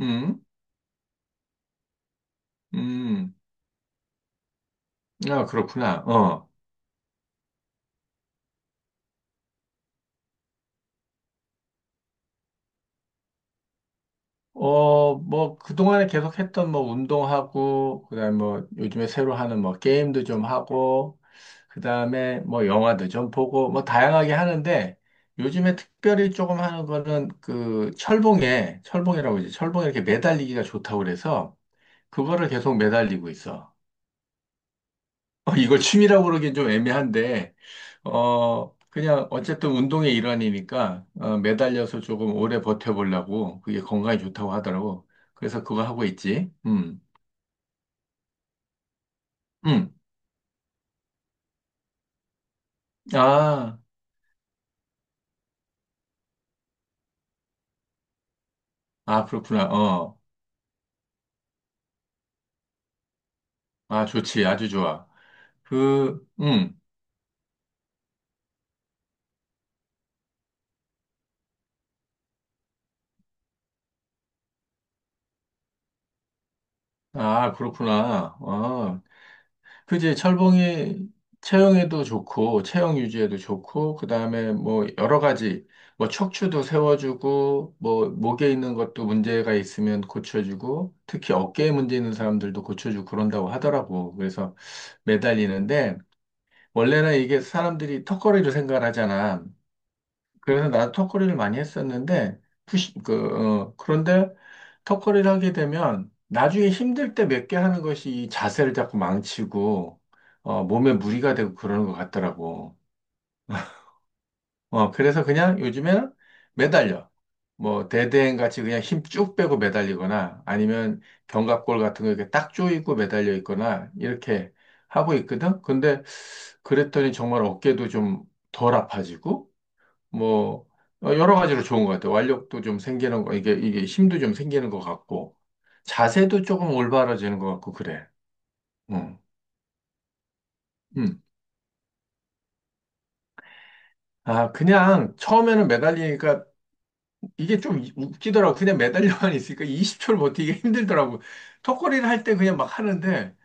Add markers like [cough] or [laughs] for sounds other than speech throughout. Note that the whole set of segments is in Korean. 음, 음, 아, 그렇구나. 어, 어, 뭐, 그동안에 계속 했던 뭐, 운동하고, 그 다음에 뭐, 요즘에 새로 하는 뭐, 게임도 좀 하고, 그 다음에 뭐, 영화도 좀 보고, 뭐, 다양하게 하는데, 요즘에 특별히 조금 하는 거는 그, 철봉에, 철봉이라고 이제 철봉에 이렇게 매달리기가 좋다고 그래서, 그거를 계속 매달리고 있어. 어, 이걸 취미라고 그러긴 좀 애매한데, 어, 그냥 어쨌든 운동의 일환이니까, 어, 매달려서 조금 오래 버텨보려고, 그게 건강에 좋다고 하더라고. 그래서 그거 하고 있지. 음. 아, 아, 그렇구나. 어, 아, 좋지. 아주 좋아. 그, 아, 그렇구나. 어, 그지? 철봉이 체형에도 좋고, 체형 유지에도 좋고, 그 다음에 뭐 여러 가지, 뭐 척추도 세워주고, 뭐 목에 있는 것도 문제가 있으면 고쳐주고, 특히 어깨에 문제 있는 사람들도 고쳐주고 그런다고 하더라고. 그래서 매달리는데, 원래는 이게 사람들이 턱걸이로 생각을 하잖아. 그래서 나도 턱걸이를 많이 했었는데, 푸시, 그, 어, 그런데 턱걸이를 하게 되면 나중에 힘들 때 몇 개 하는 것이 이 자세를 자꾸 망치고, 어, 몸에 무리가 되고 그러는 것 같더라고. 어, 그래서 그냥 요즘에는 매달려. 뭐, 대대행 같이 그냥 힘 쭉 빼고 매달리거나 아니면 견갑골 같은 거 이렇게 딱 조이고 매달려 있거나 이렇게 하고 있거든? 근데 그랬더니 정말 어깨도 좀 덜 아파지고, 뭐 어, 여러 가지로 좋은 것 같아요. 완력도 좀 생기는 거, 이게 힘도 좀 생기는 것 같고 자세도 조금 올바라지는 것 같고 그래. 응. 응. 아, 그냥 처음에는 매달리니까 이게 좀 웃기더라고. 그냥 매달려만 있으니까 20초를 버티기 힘들더라고. 턱걸이를 할 때 그냥 막 하는데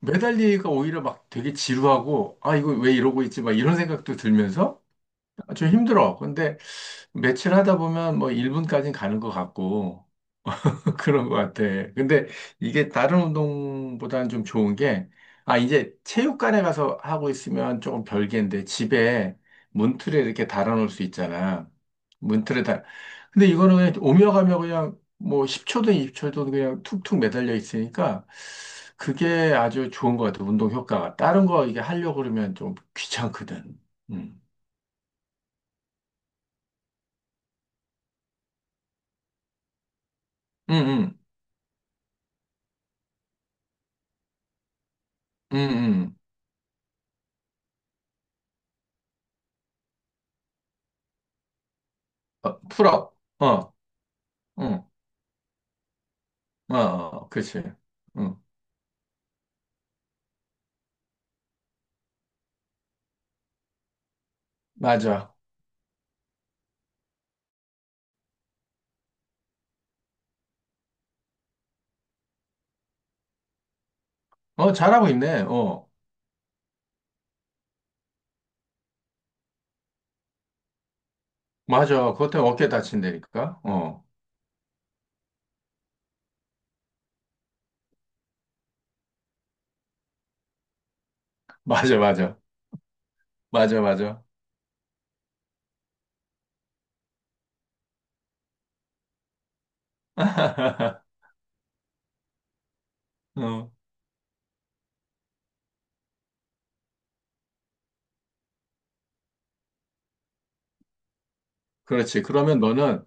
매달리니까 오히려 막 되게 지루하고 아, 이거 왜 이러고 있지? 막 이런 생각도 들면서 아, 좀 힘들어. 근데 며칠 하다 보면 뭐 1분까지 가는 것 같고 그런 것 같아. 근데 이게 다른 운동보다는 좀 좋은 게, 아, 이제 체육관에 가서 하고 있으면 조금 별개인데, 집에 문틀에 이렇게 달아놓을 수 있잖아. 문틀에 달. 근데 이거는 그냥 오며 가며 그냥 뭐 10초든 20초든 그냥 툭툭 매달려 있으니까, 그게 아주 좋은 것 같아. 운동 효과가. 다른 거 이게 하려고 그러면 좀 귀찮거든. 음. 응, 응, 응, 응. 어, 풀업. 어, 응, 어, 어, 그렇지. 응, 맞아. 어, 잘하고 있네. 어, 맞아. 그것 때문에 어깨 다친다니까. 어, [laughs] 맞아, 맞아. 맞아, 맞아. [laughs] 어, 그렇지. 그러면 너는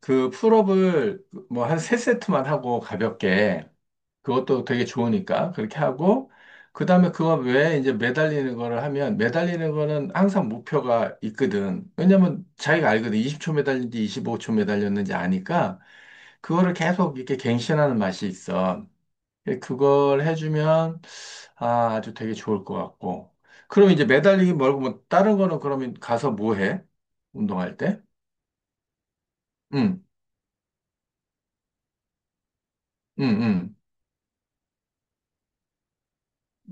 그 풀업을 뭐 한 세세트만 하고 가볍게 그것도 되게 좋으니까 그렇게 하고 그 다음에 그거 외에 이제 매달리는 거를 하면 매달리는 거는 항상 목표가 있거든. 왜냐면 자기가 알거든. 20초 매달린지 25초 매달렸는지 아니까 그거를 계속 이렇게 갱신하는 맛이 있어. 그걸 해주면 아, 아주 되게 좋을 것 같고. 그럼 이제 매달리기 말고 뭐 다른 거는 그러면 가서 뭐 해? 운동할 때? 응, 응, 응.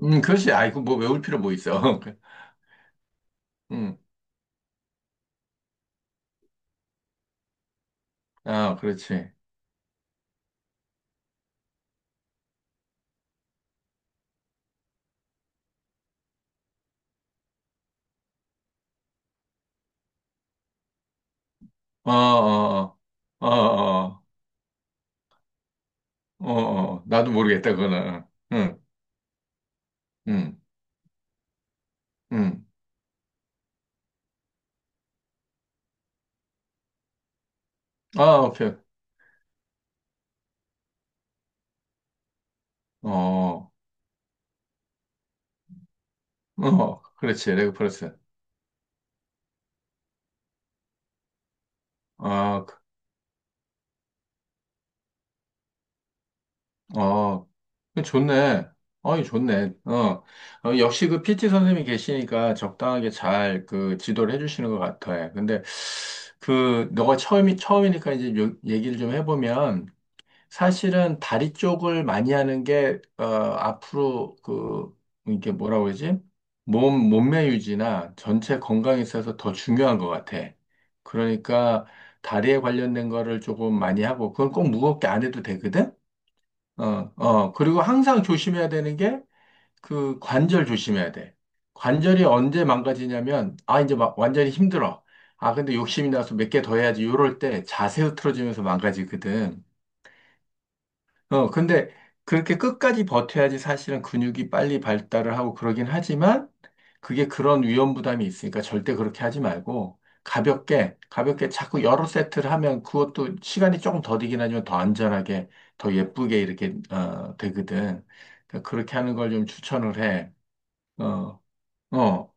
응, 그렇지. 아 이, 거 뭐 외울 필요 뭐 있어. [laughs] 응, 아, 그렇지. 어, 어, 어, 어, 어, 어, 어. 나도 모르겠다, 그거는. 응, 응, 응. 아, 오케이. 어, 어, 그렇지. 레그 프레스. 아, 어. 좋네. 어이, 좋네. 어. 어, 역시 그 PT 선생님이 계시니까 적당하게 잘 그 지도를 해주시는 것 같아. 근데 그, 처음이니까 이제 얘기를 좀 해보면 사실은 다리 쪽을 많이 하는 게, 어, 앞으로 그, 이게 뭐라고 그러지? 몸매 유지나 전체 건강에 있어서 더 중요한 것 같아. 그러니까 다리에 관련된 거를 조금 많이 하고, 그건 꼭 무겁게 안 해도 되거든? 어, 어, 그리고 항상 조심해야 되는 게 그 관절 조심해야 돼. 관절이 언제 망가지냐면, 아, 이제 막 완전히 힘들어. 아, 근데 욕심이 나서 몇 개 더 해야지. 요럴 때 자세 흐트러지면서 망가지거든. 어, 근데 그렇게 끝까지 버텨야지 사실은 근육이 빨리 발달을 하고 그러긴 하지만 그게 그런 위험 부담이 있으니까 절대 그렇게 하지 말고 가볍게, 가볍게 자꾸 여러 세트를 하면 그것도 시간이 조금 더디긴 하지만 더 안전하게, 더 예쁘게 이렇게, 어, 되거든. 그러니까 그렇게 하는 걸 좀 추천을 해. 어, 어.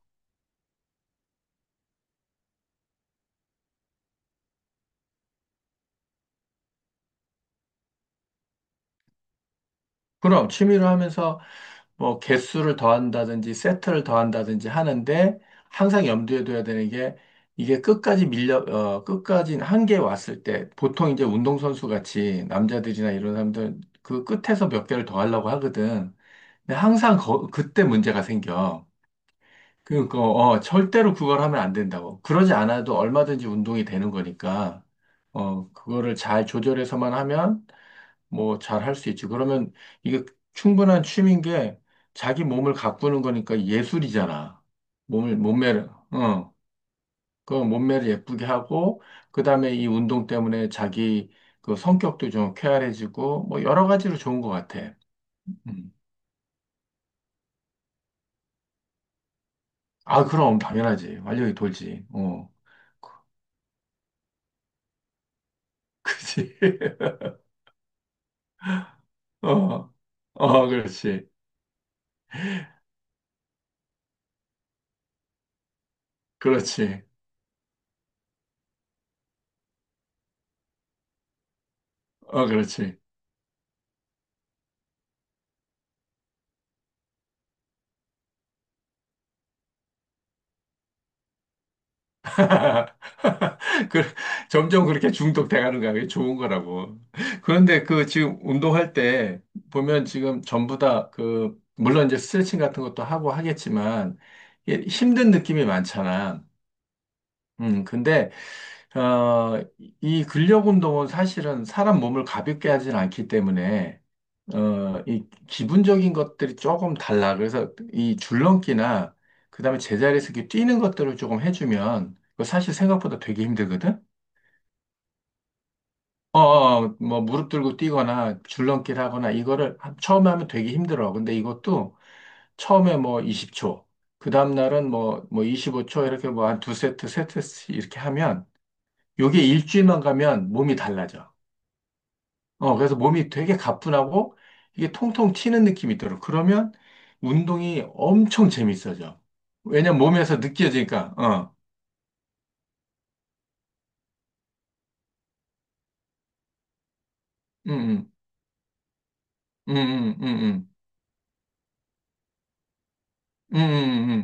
그럼 취미로 하면서 뭐 개수를 더한다든지 세트를 더한다든지 하는데 항상 염두에 둬야 되는 게 이게 끝까지 밀려 어 끝까지 한계에 왔을 때 보통 이제 운동선수 같이 남자들이나 이런 사람들 그 끝에서 몇 개를 더 하려고 하거든. 근데 항상 그때 문제가 생겨. 그러니까 어 절대로 그걸 하면 안 된다고. 그러지 않아도 얼마든지 운동이 되는 거니까 어 그거를 잘 조절해서만 하면 뭐 잘 할 수 있지. 그러면 이게 충분한 취미인 게 자기 몸을 가꾸는 거니까 예술이잖아. 몸매를, 어, 그 몸매를 예쁘게 하고, 그 다음에 이 운동 때문에 자기 그 성격도 좀 쾌활해지고, 뭐 여러 가지로 좋은 것 같아. 음. 아, 그럼 당연하지. 활력이 돌지. 어. 그지 [laughs] 어. 어, 그렇지. 그렇지. 어, 그렇지. [laughs] 그, 점점 그렇게 중독돼가는 거야. 그게 좋은 거라고. 그런데 그 지금 운동할 때 보면 지금 전부 다 그, 물론 이제 스트레칭 같은 것도 하고 하겠지만 이게 힘든 느낌이 많잖아. 근데, 어, 이 근력 운동은 사실은 사람 몸을 가볍게 하진 않기 때문에, 어, 이 기분적인 것들이 조금 달라. 그래서 이 줄넘기나 그다음에 제자리에서 이렇게 뛰는 것들을 조금 해주면 그거 사실 생각보다 되게 힘들거든. 어, 어, 뭐, 무릎 들고 뛰거나 줄넘기를 하거나 이거를 처음에 하면 되게 힘들어. 근데 이것도 처음에 뭐 20초, 그 다음날은 뭐, 뭐 25초 이렇게 뭐 한 두 세트, 세 세트씩 이렇게 하면 요게 일주일만 가면 몸이 달라져. 어, 그래서 몸이 되게 가뿐하고 이게 통통 튀는 느낌이 들어. 그러면 운동이 엄청 재밌어져. 왜냐면 몸에서 느껴지니까, 어, 음, 음, 음, 음, 음, 음, 음, 음, 음.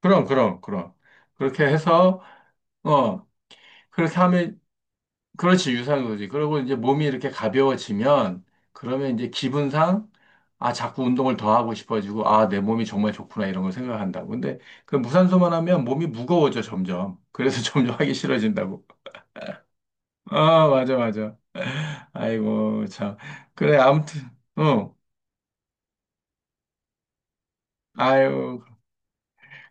그럼, 그럼, 그럼. 그렇게 해서, 어, 그렇게 하면, 그렇지, 유사한 거지. 그리고 이제 몸이 이렇게 가벼워지면, 그러면 이제 기분상, 아, 자꾸 운동을 더 하고 싶어지고, 아, 내 몸이 정말 좋구나, 이런 걸 생각한다고. 근데 그 무산소만 하면 몸이 무거워져, 점점. 그래서 [laughs] 점점 하기 싫어진다고. 아, 맞아, 맞아. 아이고, 참. 그래, 아무튼, 응. 아유,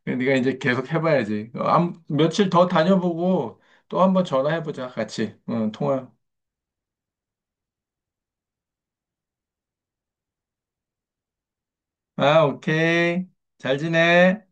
네가 이제 계속 해봐야지. 어, 며칠 더 다녀보고, 또 한번 전화해보자, 같이. 응, 통화. 아, 오케이. 잘 지내.